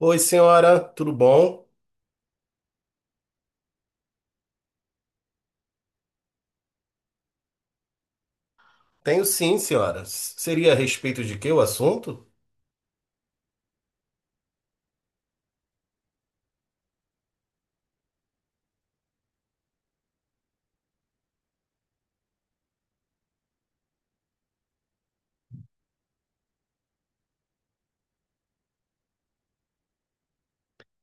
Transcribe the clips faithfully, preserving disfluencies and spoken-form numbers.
Oi, senhora, tudo bom? Tenho sim, senhora. S- Seria a respeito de que o assunto?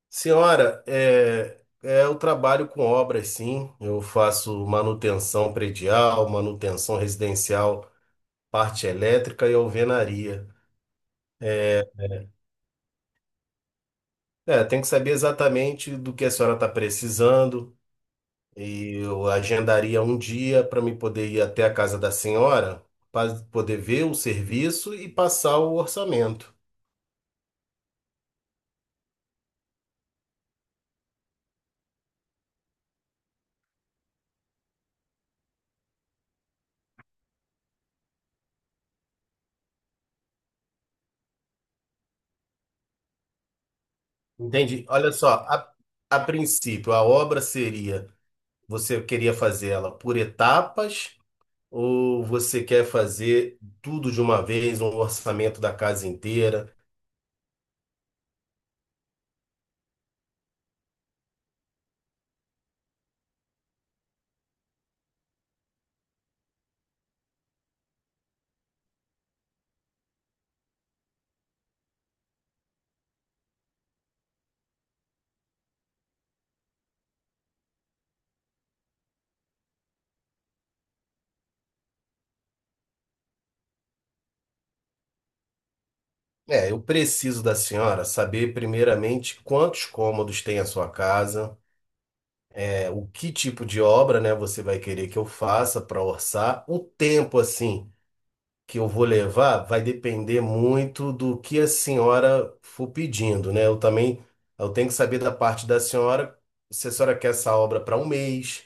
Senhora, é, é, eu trabalho com obras, sim. Eu faço manutenção predial, manutenção residencial, parte elétrica e alvenaria. É, tem que saber exatamente do que a senhora está precisando e eu agendaria um dia para me poder ir até a casa da senhora para poder ver o serviço e passar o orçamento. Entendi. Olha só, a, a princípio, a obra seria, você queria fazer ela por etapas ou você quer fazer tudo de uma vez, um orçamento da casa inteira? É, eu preciso da senhora saber primeiramente quantos cômodos tem a sua casa, é, o que tipo de obra, né, você vai querer que eu faça para orçar, o tempo assim. Que eu vou levar vai depender muito do que a senhora for pedindo, né? Eu também eu tenho que saber da parte da senhora se a senhora quer essa obra para um mês,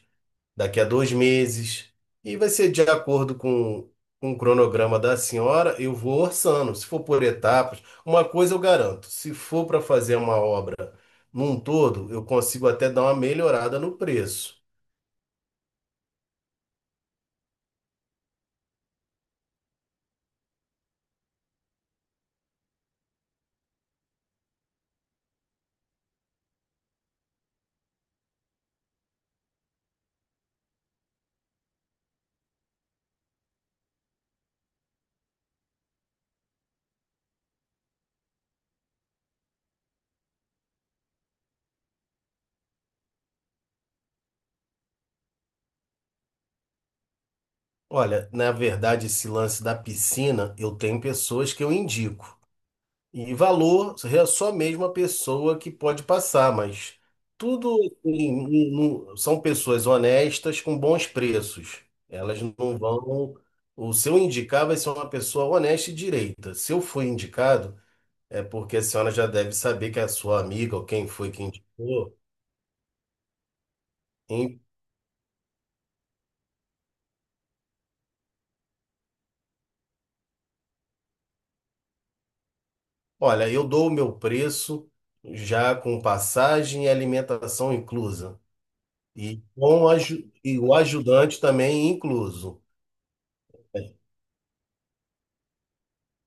daqui a dois meses, e vai ser de acordo com, com o cronograma da senhora, eu vou orçando. Se for por etapas, uma coisa eu garanto, se for para fazer uma obra num todo, eu consigo até dar uma melhorada no preço. Olha, na verdade, esse lance da piscina, eu tenho pessoas que eu indico. E valor é só mesmo a pessoa que pode passar, mas tudo assim, não- não- são pessoas honestas com bons preços. Elas não vão. O seu indicar vai ser uma pessoa honesta e direita. Se eu for indicado, é porque a senhora já deve saber que é a sua amiga ou quem foi que indicou. Em- Olha, eu dou o meu preço já com passagem e alimentação inclusa. E, com, aju- e o ajudante também incluso.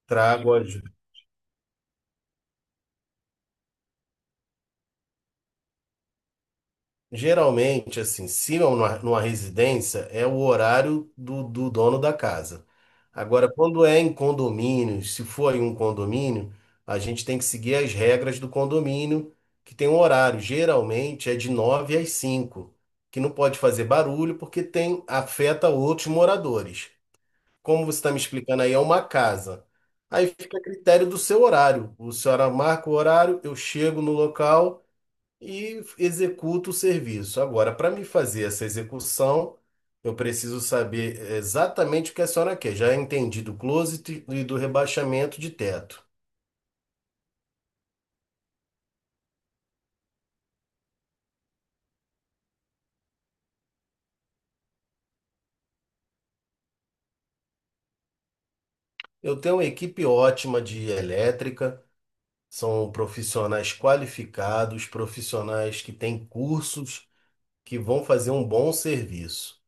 Trago. Geralmente, assim, se é numa, numa residência, é o horário do, do dono da casa. Agora, quando é em condomínio, se for em um condomínio, a gente tem que seguir as regras do condomínio, que tem um horário. Geralmente é de nove às cinco, que não pode fazer barulho porque tem afeta outros moradores. Como você está me explicando aí, é uma casa. Aí fica a critério do seu horário. O senhora marca o horário, eu chego no local e executo o serviço. Agora, para me fazer essa execução, eu preciso saber exatamente o que a senhora quer. Já entendi do closet e do rebaixamento de teto. Eu tenho uma equipe ótima de elétrica, são profissionais qualificados, profissionais que têm cursos que vão fazer um bom serviço.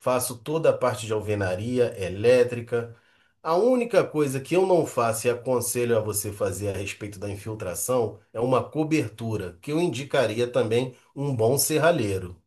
Faço toda a parte de alvenaria, elétrica. A única coisa que eu não faço e aconselho a você fazer a respeito da infiltração é uma cobertura, que eu indicaria também um bom serralheiro.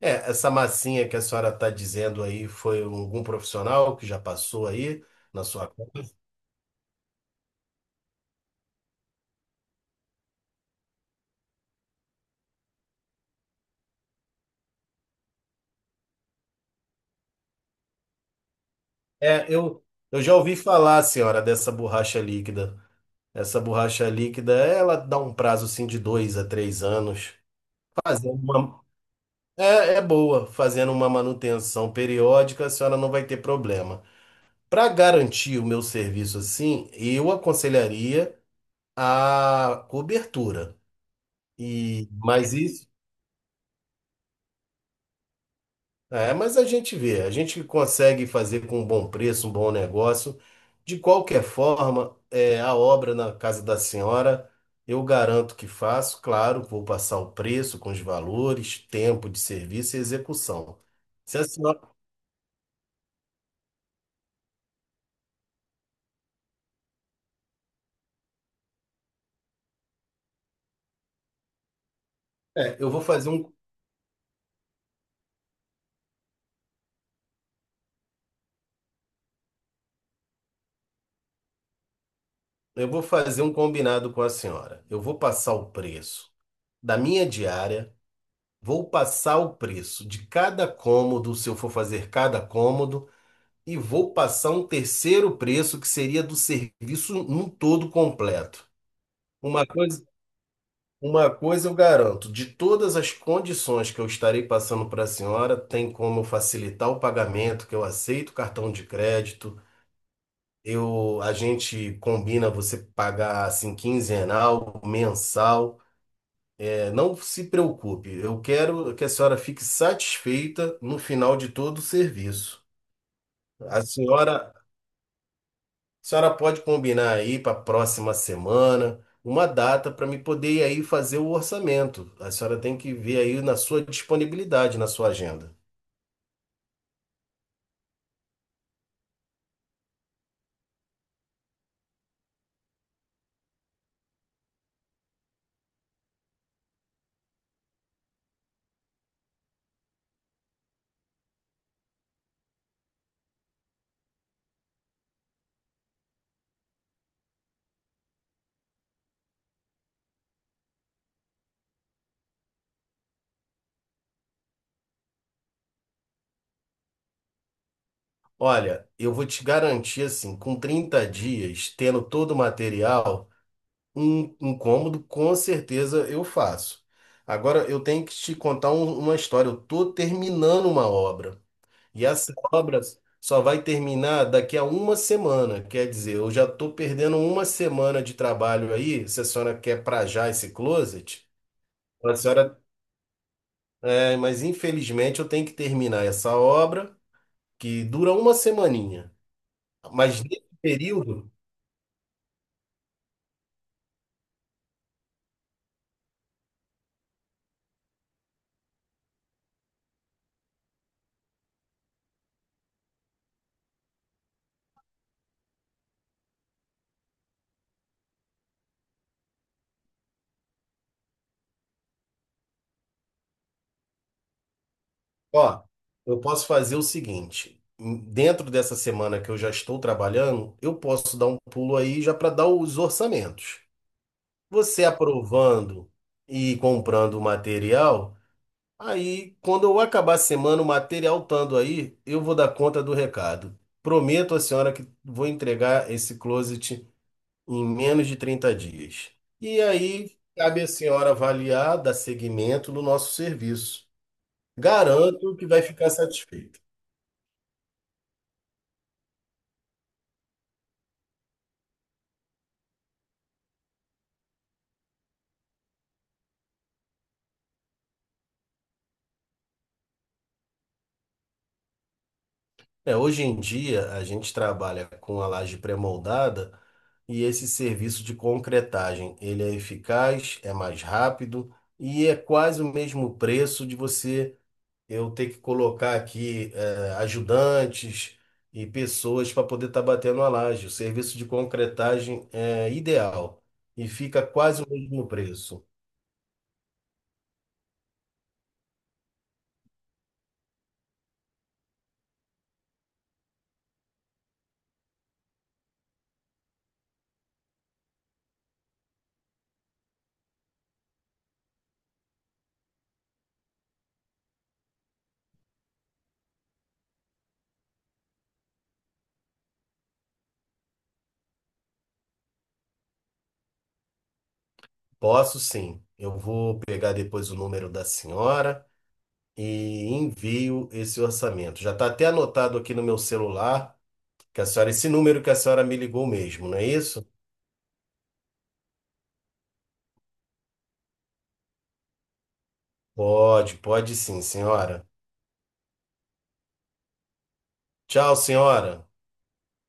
É, essa massinha que a senhora está dizendo aí foi algum profissional que já passou aí na sua. É, eu, eu já ouvi falar, senhora, dessa borracha líquida. Essa borracha líquida, ela dá um prazo assim de dois a três anos. Fazer uma, É, é boa, fazendo uma manutenção periódica, a senhora não vai ter problema. Para garantir o meu serviço assim, eu aconselharia a cobertura. E mas isso, é, mas a gente vê, a gente consegue fazer com um bom preço, um bom negócio. De qualquer forma, é, a obra na casa da senhora, eu garanto que faço, claro, vou passar o preço com os valores, tempo de serviço e execução. Se a senhora, é, eu vou fazer um Eu vou fazer um combinado com a senhora. Eu vou passar o preço da minha diária, vou passar o preço de cada cômodo, se eu for fazer cada cômodo, e vou passar um terceiro preço que seria do serviço num todo completo. Uma coisa, uma coisa eu garanto, de todas as condições que eu estarei passando para a senhora, tem como eu facilitar o pagamento, que eu aceito cartão de crédito. Eu, a gente combina você pagar assim quinzenal, mensal. Não se preocupe, eu quero que a senhora fique satisfeita no final de todo o serviço. A senhora, a senhora pode combinar aí para a próxima semana uma data para me poder ir aí fazer o orçamento. A senhora tem que ver aí na sua disponibilidade, na sua agenda. Olha, eu vou te garantir assim, com trinta dias, tendo todo o material, um, um cômodo com certeza eu faço. Agora eu tenho que te contar um- uma história. Eu tô terminando uma obra. E as obras só vai terminar daqui a uma semana. Quer dizer, eu já estou perdendo uma semana de trabalho aí. Se a senhora quer pra já esse closet, a senhora. É, mas infelizmente eu tenho que terminar essa obra, que dura uma semaninha. Mas nesse período, ó, eu posso fazer o seguinte: dentro dessa semana que eu já estou trabalhando, eu posso dar um pulo aí já para dar os orçamentos. Você aprovando e comprando o material. Aí, quando eu acabar a semana, o material estando aí, eu vou dar conta do recado. Prometo à senhora que vou entregar esse closet em menos de trinta dias. E aí, cabe à senhora avaliar, dar seguimento no nosso serviço. Garanto que vai ficar satisfeita. É, hoje em dia, a gente trabalha com a laje pré-moldada e esse serviço de concretagem, ele é eficaz, é mais rápido e é quase o mesmo preço de você eu ter que colocar aqui eh, ajudantes e pessoas para poder estar batendo a laje. O serviço de concretagem é ideal e fica quase o mesmo preço. Posso sim. Eu vou pegar depois o número da senhora e envio esse orçamento. Já está até anotado aqui no meu celular que a senhora, esse número que a senhora me ligou mesmo, não é isso? Pode, pode sim, senhora. Tchau, senhora.